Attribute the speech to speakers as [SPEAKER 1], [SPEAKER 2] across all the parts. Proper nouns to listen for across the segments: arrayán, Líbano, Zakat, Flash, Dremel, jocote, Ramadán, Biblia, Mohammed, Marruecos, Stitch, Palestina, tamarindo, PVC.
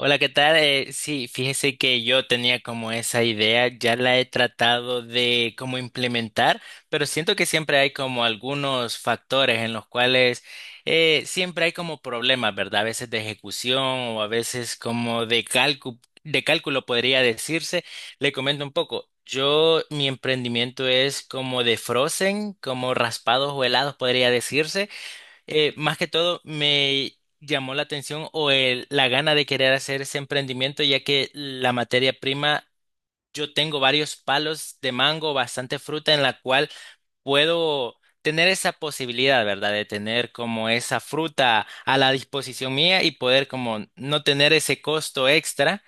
[SPEAKER 1] Hola, ¿qué tal? Sí, fíjese que yo tenía como esa idea, ya la he tratado de como implementar, pero siento que siempre hay como algunos factores en los cuales siempre hay como problemas, ¿verdad? A veces de ejecución o a veces como de cálculo podría decirse. Le comento un poco. Yo, mi emprendimiento es como de frozen, como raspados o helados podría decirse. Más que todo me llamó la atención o la gana de querer hacer ese emprendimiento, ya que la materia prima, yo tengo varios palos de mango, bastante fruta en la cual puedo tener esa posibilidad, ¿verdad? De tener como esa fruta a la disposición mía y poder como no tener ese costo extra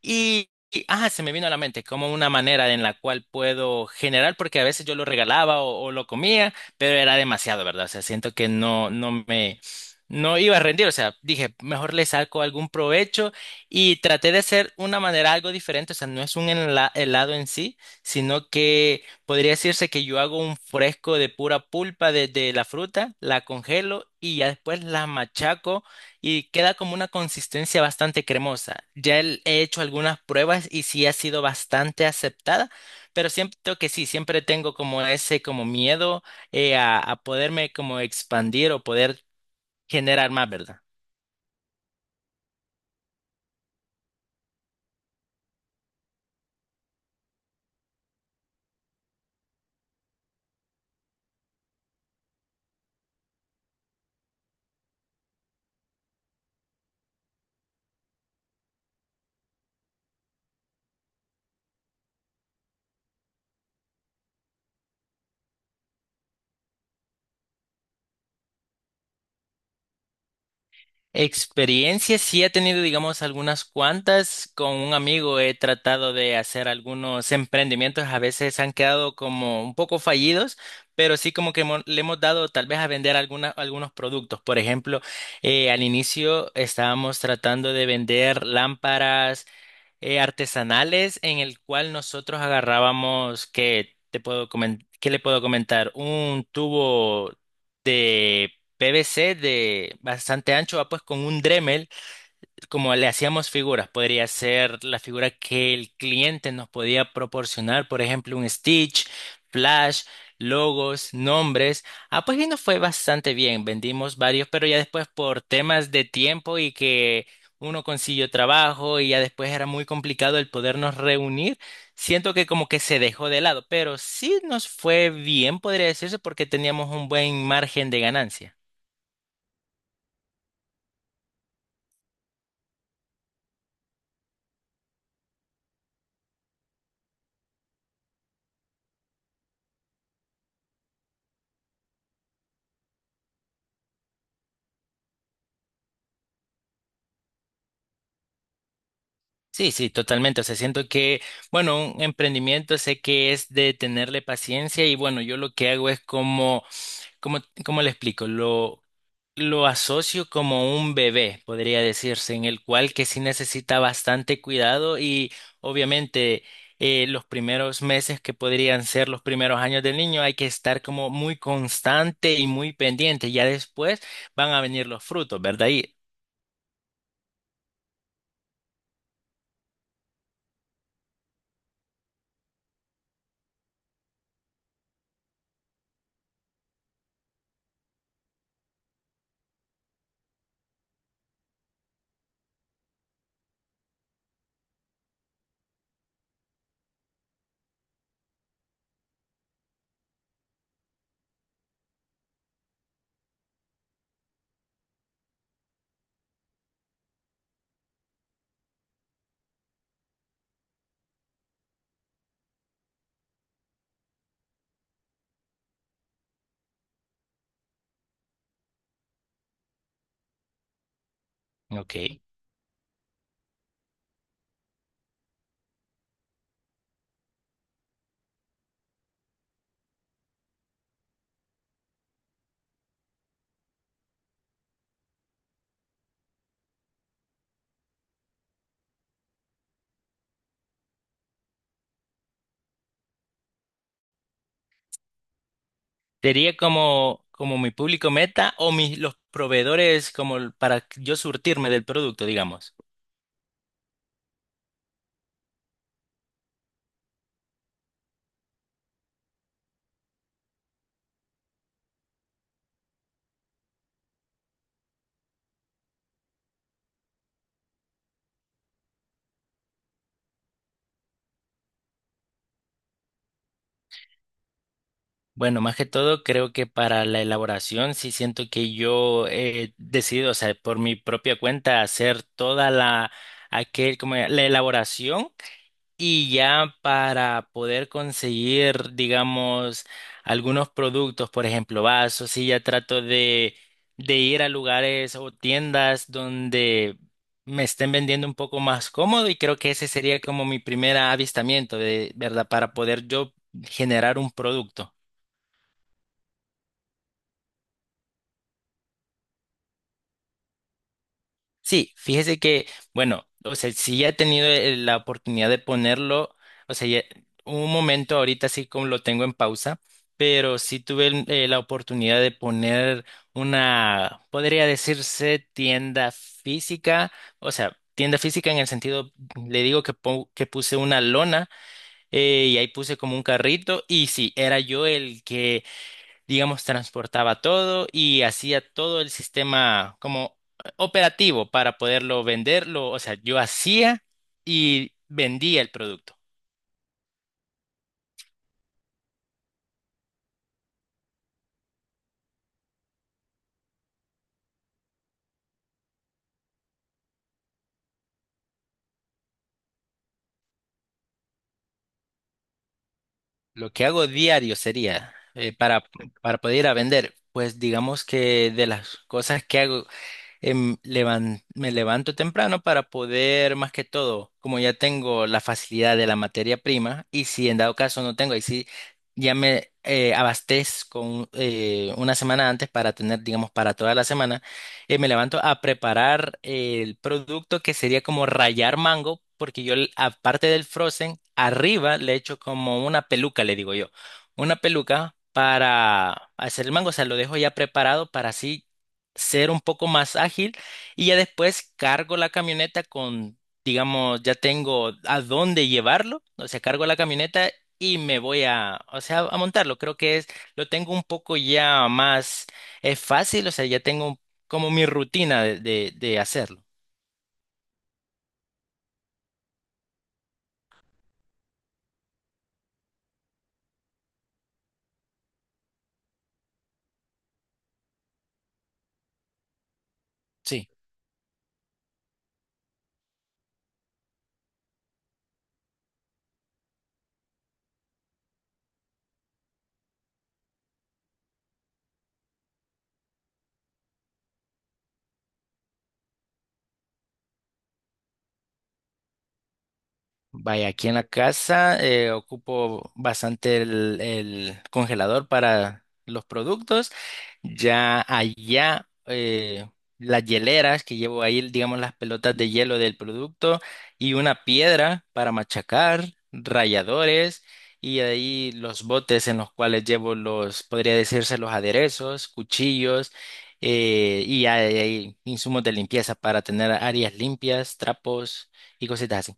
[SPEAKER 1] y se me vino a la mente como una manera en la cual puedo generar, porque a veces yo lo regalaba o lo comía, pero era demasiado, ¿verdad? O sea, siento que no, no iba a rendir. O sea, dije, mejor le saco algún provecho y traté de hacer una manera algo diferente. O sea, no es un helado en sí, sino que podría decirse que yo hago un fresco de pura pulpa de la fruta, la congelo y ya después la machaco y queda como una consistencia bastante cremosa. Ya he hecho algunas pruebas y sí ha sido bastante aceptada, pero siento que sí, siempre tengo como ese como miedo a poderme como expandir o poder generar más, ¿verdad? Experiencias, sí he tenido, digamos, algunas cuantas. Con un amigo he tratado de hacer algunos emprendimientos, a veces han quedado como un poco fallidos, pero sí como que le hemos dado tal vez a vender algunos productos. Por ejemplo, al inicio estábamos tratando de vender lámparas artesanales en el cual nosotros agarrábamos, que te puedo ¿qué le puedo comentar? Un tubo de PVC de bastante ancho, va pues con un Dremel como le hacíamos figuras, podría ser la figura que el cliente nos podía proporcionar, por ejemplo, un Stitch, Flash, logos, nombres. Ah, pues y nos fue bastante bien, vendimos varios, pero ya después por temas de tiempo y que uno consiguió trabajo y ya después era muy complicado el podernos reunir, siento que como que se dejó de lado, pero sí nos fue bien, podría decirse, porque teníamos un buen margen de ganancia. Sí, sí, totalmente. O sea, siento que, bueno, un emprendimiento sé que es de tenerle paciencia y bueno, yo lo que hago es como, ¿cómo le explico? Lo asocio como un bebé, podría decirse, en el cual que sí necesita bastante cuidado y obviamente los primeros meses que podrían ser los primeros años del niño hay que estar como muy constante y muy pendiente. Ya después van a venir los frutos, ¿verdad? Y, ok. Sería como, como mi público meta o mis, los proveedores como para yo surtirme del producto, digamos. Bueno, más que todo, creo que para la elaboración sí siento que yo he decidido, o sea, por mi propia cuenta, hacer toda la, aquel, como la elaboración. Y ya para poder conseguir, digamos, algunos productos, por ejemplo, vasos, sí, ya trato de ir a lugares o tiendas donde me estén vendiendo un poco más cómodo y creo que ese sería como mi primer avistamiento, de, ¿verdad? Para poder yo generar un producto. Sí, fíjese que, bueno, o sea, sí ya he tenido la oportunidad de ponerlo, o sea, un momento ahorita sí como lo tengo en pausa, pero sí tuve la oportunidad de poner una, podría decirse tienda física, o sea, tienda física en el sentido, le digo que, que puse una lona y ahí puse como un carrito y sí, era yo el que digamos, transportaba todo y hacía todo el sistema como operativo para poderlo venderlo. O sea, yo hacía y vendía el producto. Lo que hago diario sería para poder ir a vender. Pues digamos que de las cosas que hago me levanto temprano para poder, más que todo, como ya tengo la facilidad de la materia prima, y si en dado caso no tengo, ahí sí ya me abastezco una semana antes para tener, digamos, para toda la semana, me levanto a preparar el producto que sería como rayar mango, porque yo, aparte del frozen, arriba le echo como una peluca, le digo yo, una peluca, para hacer el mango, o sea, lo dejo ya preparado para así ser un poco más ágil y ya después cargo la camioneta con, digamos, ya tengo a dónde llevarlo, o sea, cargo la camioneta y me voy a, o sea, a montarlo. Creo que es, lo tengo un poco ya más, es fácil, o sea, ya tengo como mi rutina de hacerlo. Sí. Vaya, aquí en la casa ocupo bastante el congelador para los productos. Ya allá las hieleras que llevo ahí, digamos las pelotas de hielo del producto y una piedra para machacar, ralladores y ahí los botes en los cuales llevo los, podría decirse los aderezos, cuchillos y hay insumos de limpieza para tener áreas limpias, trapos y cositas así.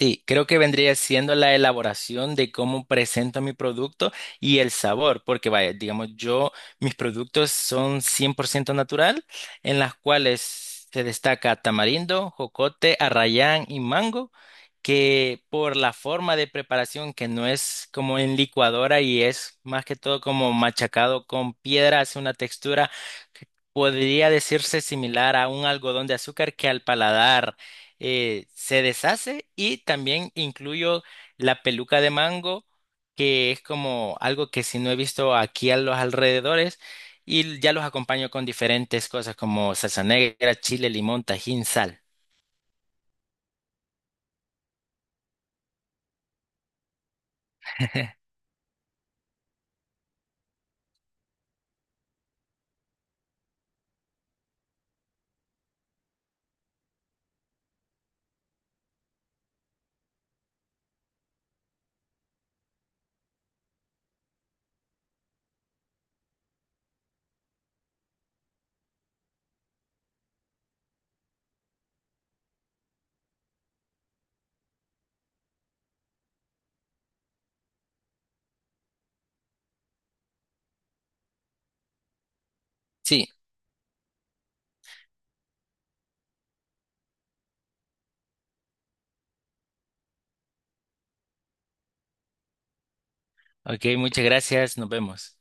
[SPEAKER 1] Sí, creo que vendría siendo la elaboración de cómo presento mi producto y el sabor, porque vaya, digamos, yo, mis productos son 100% natural, en las cuales se destaca tamarindo, jocote, arrayán y mango, que por la forma de preparación, que no es como en licuadora y es más que todo como machacado con piedra, hace una textura que podría decirse similar a un algodón de azúcar que al paladar se deshace y también incluyo la peluca de mango, que es como algo que si no he visto aquí a los alrededores y ya los acompaño con diferentes cosas como salsa negra, chile, limón, tajín, sal. Sí, ok, muchas gracias, nos vemos.